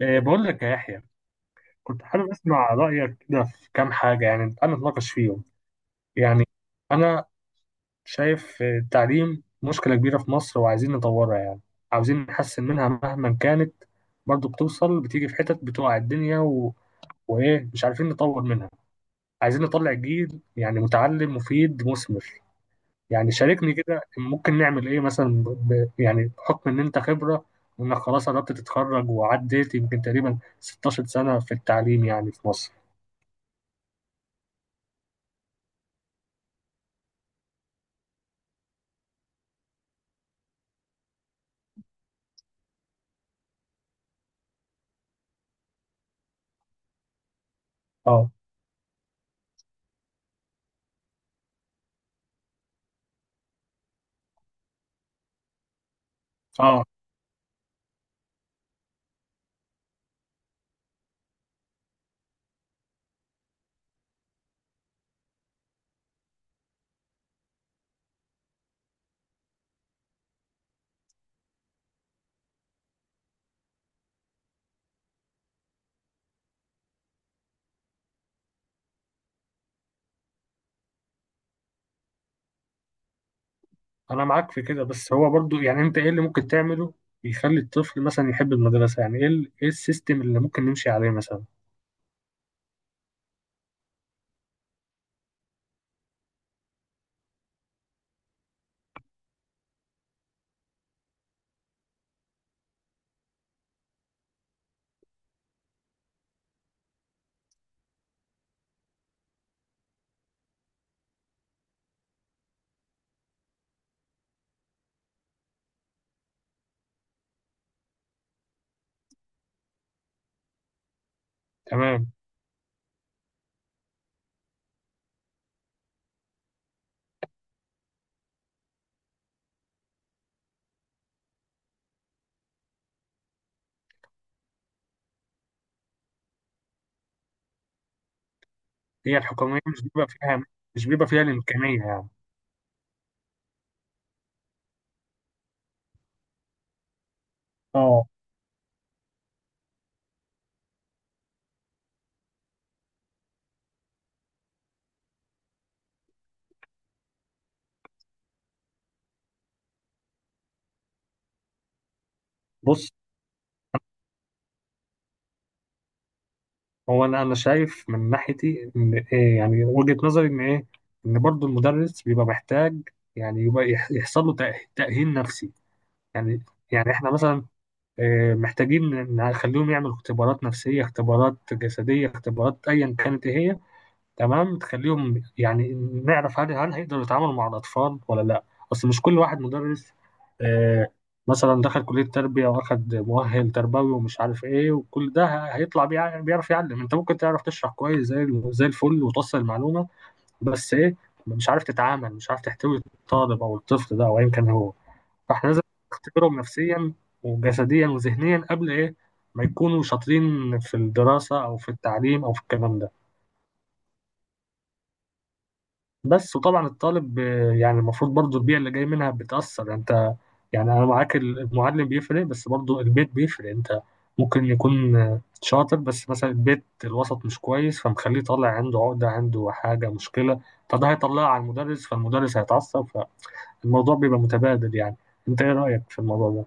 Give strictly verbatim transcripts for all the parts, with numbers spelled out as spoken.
إيه، بقول لك يا يحيى، كنت حابب اسمع رايك كده في كام حاجه. يعني انا اتناقش فيهم. يعني انا شايف، إيه، التعليم مشكله كبيره في مصر وعايزين نطورها. يعني عاوزين نحسن منها مهما كانت. برضو بتوصل بتيجي في حتت بتوقع الدنيا و... وايه مش عارفين نطور منها. عايزين نطلع جيل يعني متعلم مفيد مثمر. يعني شاركني كده ممكن نعمل ايه مثلا، ب... يعني بحكم ان انت خبره، وانك خلاص قربت تتخرج وعديت يمكن تقريبا ستاشر سنه في التعليم يعني في مصر. اه، اه، انا معاك في كده، بس هو برضو يعني انت ايه اللي ممكن تعمله يخلي الطفل مثلا يحب المدرسه؟ يعني ايه ال- ايه السيستم اللي ممكن نمشي عليه مثلا؟ تمام. هي الحكوميه مش بيبقى فيها، مش بيبقى فيها الامكانيه يعني. اه، بص، هو انا انا شايف من ناحيتي ان إيه، يعني وجهه نظري ان ايه، ان برضو المدرس بيبقى محتاج. يعني يبقى يح- يحصل له تأه- تاهيل نفسي. يعني يعني احنا مثلا آه، محتاجين نخليهم يعملوا اختبارات نفسيه، اختبارات جسديه، اختبارات ايا كانت إيه هي. تمام، تخليهم يعني نعرف هل هل هيقدروا يتعاملوا مع الأطفال ولا لأ. أصل مش كل واحد مدرس آه، مثلا دخل كلية تربية وأخد مؤهل تربوي ومش عارف إيه، وكل ده ه- هيطلع بيع- بيعرف يعلم. أنت ممكن تعرف تشرح كويس زي ال- زي الفل وتوصل المعلومة، بس إيه، مش عارف تتعامل، مش عارف تحتوي الطالب أو الطفل ده أو أيا كان هو. فإحنا لازم نختبرهم نفسيا وجسديا وذهنيا قبل إيه ما يكونوا شاطرين في الدراسة أو في التعليم أو في الكلام ده. بس طبعا الطالب آه، يعني المفروض برضو البيئة اللي جاي منها بتأثر. يعني انت، يعني انا معاك، ال- المعلم بيفرق بس برضو البيت بيفرق. انت ممكن يكون آه، شاطر بس مثلا البيت الوسط مش كويس، فمخليه طالع عنده عقدة، عنده حاجة، مشكلة. فده هيطلعه على المدرس، فالمدرس هيتعصب، فالموضوع بيبقى متبادل يعني. انت ايه رأيك في الموضوع ده؟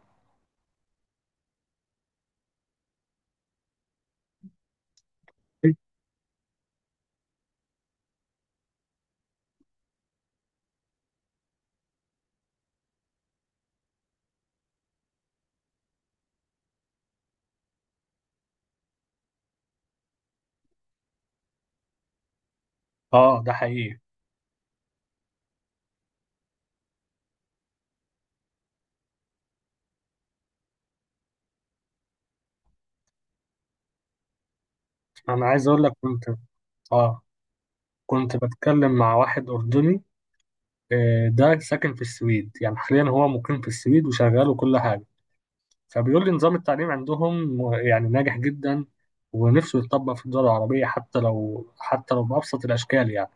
اه، ده حقيقي. انا عايز اقول لك، كنت اه كنت بتكلم مع واحد أردني آه، ده ساكن في السويد. يعني حاليا هو مقيم في السويد وشغال وكل حاجة. فبيقول لي نظام التعليم عندهم يعني ناجح جدا، ونفسه يتطبق في الدول العربية حتى لو حتى لو بأبسط الأشكال يعني.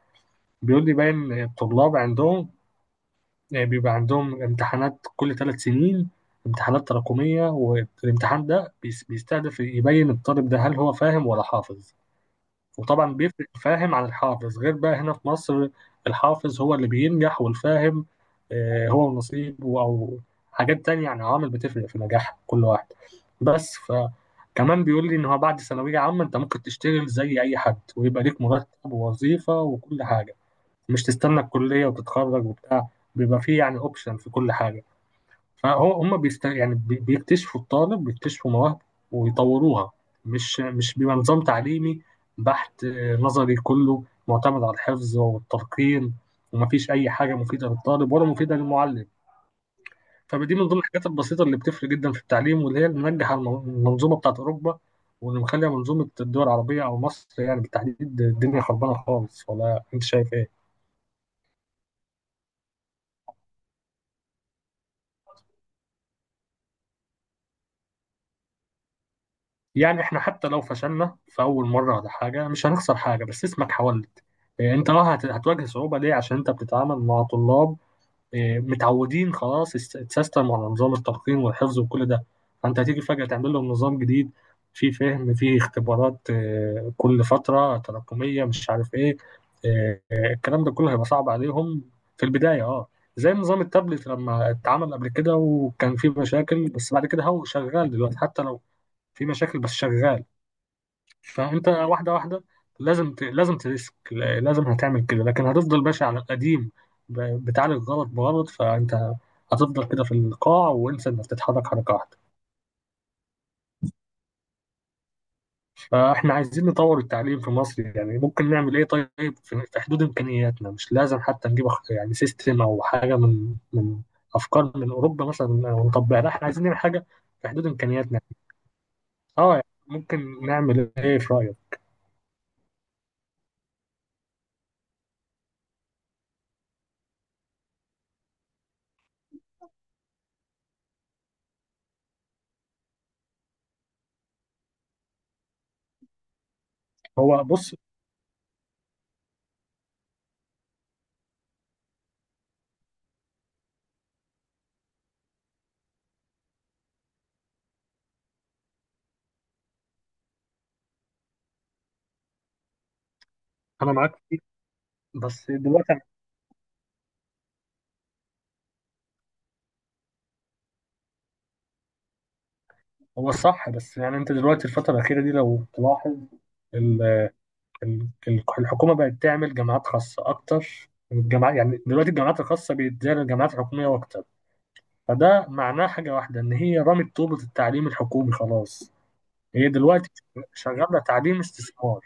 بيقول لي باين الطلاب عندهم بيبقى عندهم امتحانات كل ثلاث سنين، امتحانات تراكمية، والامتحان ده بيس- بيستهدف يبين الطالب ده هل هو فاهم ولا حافظ. وطبعا بيفرق الفاهم عن الحافظ، غير بقى هنا في مصر الحافظ هو اللي بينجح، والفاهم آه، هو نصيبه أو حاجات تانية. يعني عوامل بتفرق في نجاح كل واحد. بس فكمان بيقول لي إن هو بعد ثانوية عامة أنت ممكن تشتغل زي أي حد، ويبقى ليك مرتب ووظيفة وكل حاجة. مش تستنى الكلية وتتخرج وبتاع، بيبقى فيه يعني أوبشن في كل حاجة. فهم بيست... يعني بي- بيكتشفوا الطالب، بيكتشفوا مواهبه ويطوروها. مش مش بيبقى نظام تعليمي بحت آه، نظري كله، معتمد على الحفظ والتلقين، ومفيش أي حاجة مفيدة للطالب ولا مفيدة للمعلم. فدي من ضمن الحاجات البسيطة اللي بتفرق جدا في التعليم، واللي هي اللي منجحة الم- المنظومة بتاعت أوروبا، واللي مخلية منظومة الدول العربية أو مصر يعني بالتحديد الدنيا خربانة خالص. ولا أنت شايف إيه؟ يعني احنا حتى لو فشلنا في اول مره ولا حاجه، مش هنخسر حاجه، بس اسمك حاولت. إيه، انت اه هت- هتواجه صعوبه ليه؟ عشان انت بتتعامل مع طلاب إيه، متعودين خلاص، الس- السيستم على نظام التلقين والحفظ وكل ده. فانت هتيجي فجاه تعمل لهم نظام جديد فيه فهم، فيه اختبارات إيه، كل فتره تراكميه مش عارف ايه، إيه، الكلام ده كله هيبقى صعب عليهم في البدايه. اه، زي نظام التابلت لما اتعمل قبل كده، وكان فيه مشاكل، بس بعد كده هو شغال دلوقتي. حتى لو في مشاكل بس شغال. فانت واحده واحده لازم ت... لازم تريسك، ل- لازم هتعمل كده، لكن هتفضل ماشي على القديم، ب... بتعالج غلط بغلط. فانت هتفضل كده في القاع، وانسى انك تتحرك حركه واحده. فاحنا عايزين نطور التعليم في مصر، يعني ممكن نعمل ايه طيب في في حدود امكانياتنا؟ مش لازم حتى نجيب أخ- يعني سيستم او حاجه من من افكار من اوروبا مثلا ونطبقها. لا، احنا عايزين نعمل حاجه في حدود امكانياتنا. اه، يعني ممكن نعمل ايه في رايك؟ هو بص، انا معاك فيه بس دلوقتي، هو صح، بس يعني انت دلوقتي الفترة الأخيرة دي لو تلاحظ، ال- ال- الحكومة بقت تعمل جامعات خاصة أكتر من الجامعات. يعني دلوقتي الجامعات الخاصة بيتزايد الجامعات الحكومية أكتر. فده معناه حاجة واحدة، إن هي رمت طوبة التعليم الحكومي خلاص. هي دلوقتي شغالة تعليم استثمار.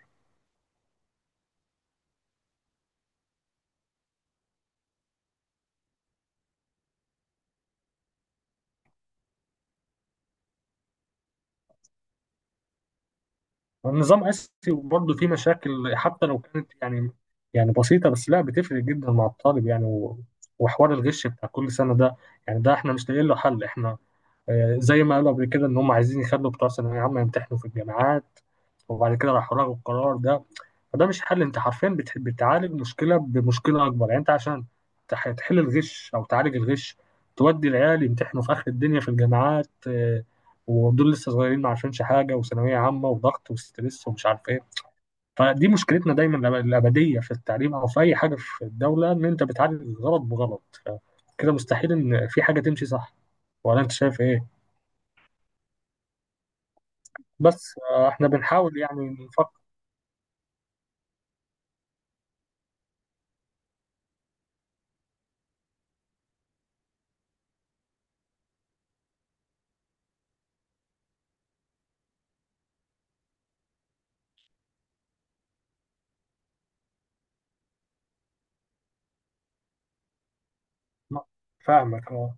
والنظام قاسي، وبرضه فيه مشاكل حتى لو كانت يعني، يعني بسيطة، بس لا بتفرق جدا مع الطالب يعني. و- وحوار الغش بتاع كل سنة ده، يعني ده احنا مش لاقيين له حل احنا. آه، زي ما قالوا قبل كده ان هم عايزين يخلوا بتوع ثانويه عامه يمتحنوا في الجامعات، وبعد كده راحوا لغوا القرار ده. فده مش حل. انت حرفيا بت- بتعالج مشكله بمشكله اكبر. يعني انت عشان تح- تحل الغش او تعالج الغش، تودي العيال يمتحنوا في اخر الدنيا في الجامعات آه، ودول لسه صغيرين، ما عارفينش حاجه، وثانويه عامه وضغط وستريس ومش عارف ايه. فدي مشكلتنا دايما الأب- الابديه في التعليم او في اي حاجه في الدوله، ان انت بتعالج غلط بغلط. ف- كده مستحيل ان في حاجه تمشي صح. ولا انت شايف ايه؟ بس آه، احنا بنحاول يعني نفكر. فاهمك اه.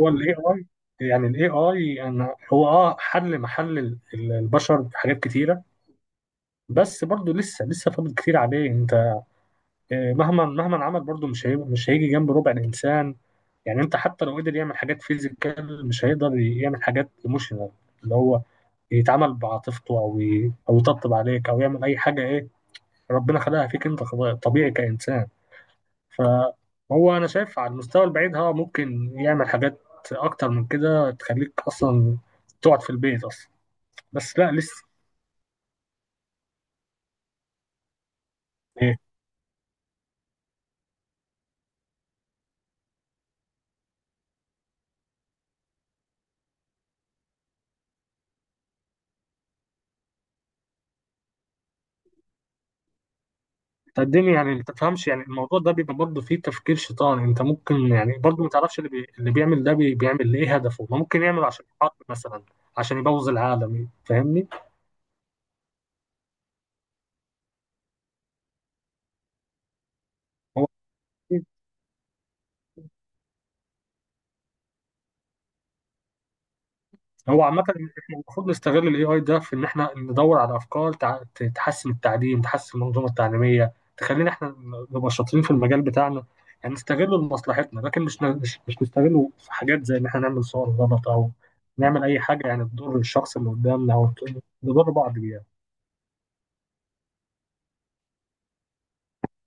هو الاي اي، يعني الاي اي انا هو اه حل محل ال- ال- البشر في حاجات كتيره، بس برضه لسه لسه فاضل كتير عليه. انت آه، مهما مهما عمل برضه مش هي مش هيجي جنب ربع الانسان. يعني انت حتى لو قدر يعمل حاجات فيزيكال، مش هيقدر يعمل حاجات ايموشنال، اللي هو يتعامل بعاطفته او ي- او يطبطب عليك او يعمل اي حاجه ايه ربنا خلقها فيك انت خلاص طبيعي كانسان. فهو انا شايف على المستوى البعيد ها ممكن يعمل حاجات اكتر من كده تخليك اصلا تقعد في البيت اصلا. بس لا لسه. إيه، تقدمي يعني ما تفهمش يعني. الموضوع ده بيبقى برضه فيه تفكير شيطاني. انت ممكن يعني برضه ما تعرفش اللي, بي... اللي بيعمل ده بي... بيعمل ليه، هدفه ما ممكن يعمل عشان الحرب مثلا، عشان يبوظ العالم، فاهمني؟ هو هو عامة احنا المفروض نستغل الاي اي ده في ان احنا ندور على افكار تع- ت- تحسن التعليم، تحسن المنظومة التعليمية، تخلينا احنا نبقى شاطرين في المجال بتاعنا، يعني نستغله لمصلحتنا. لكن مش ن- مش مش نستغله في حاجات زي ان احنا نعمل صور غلط، او نعمل اي حاجة يعني تضر الشخص اللي قدامنا او ت- نضر بعض بيها.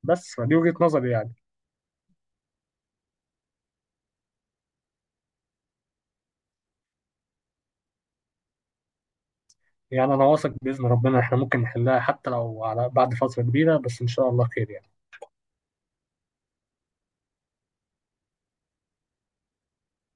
بس فدي وجهة نظري يعني. يعني انا واثق باذن ربنا احنا ممكن نحلها حتى لو على بعد فترة كبيرة، بس ان شاء الله خير يعني.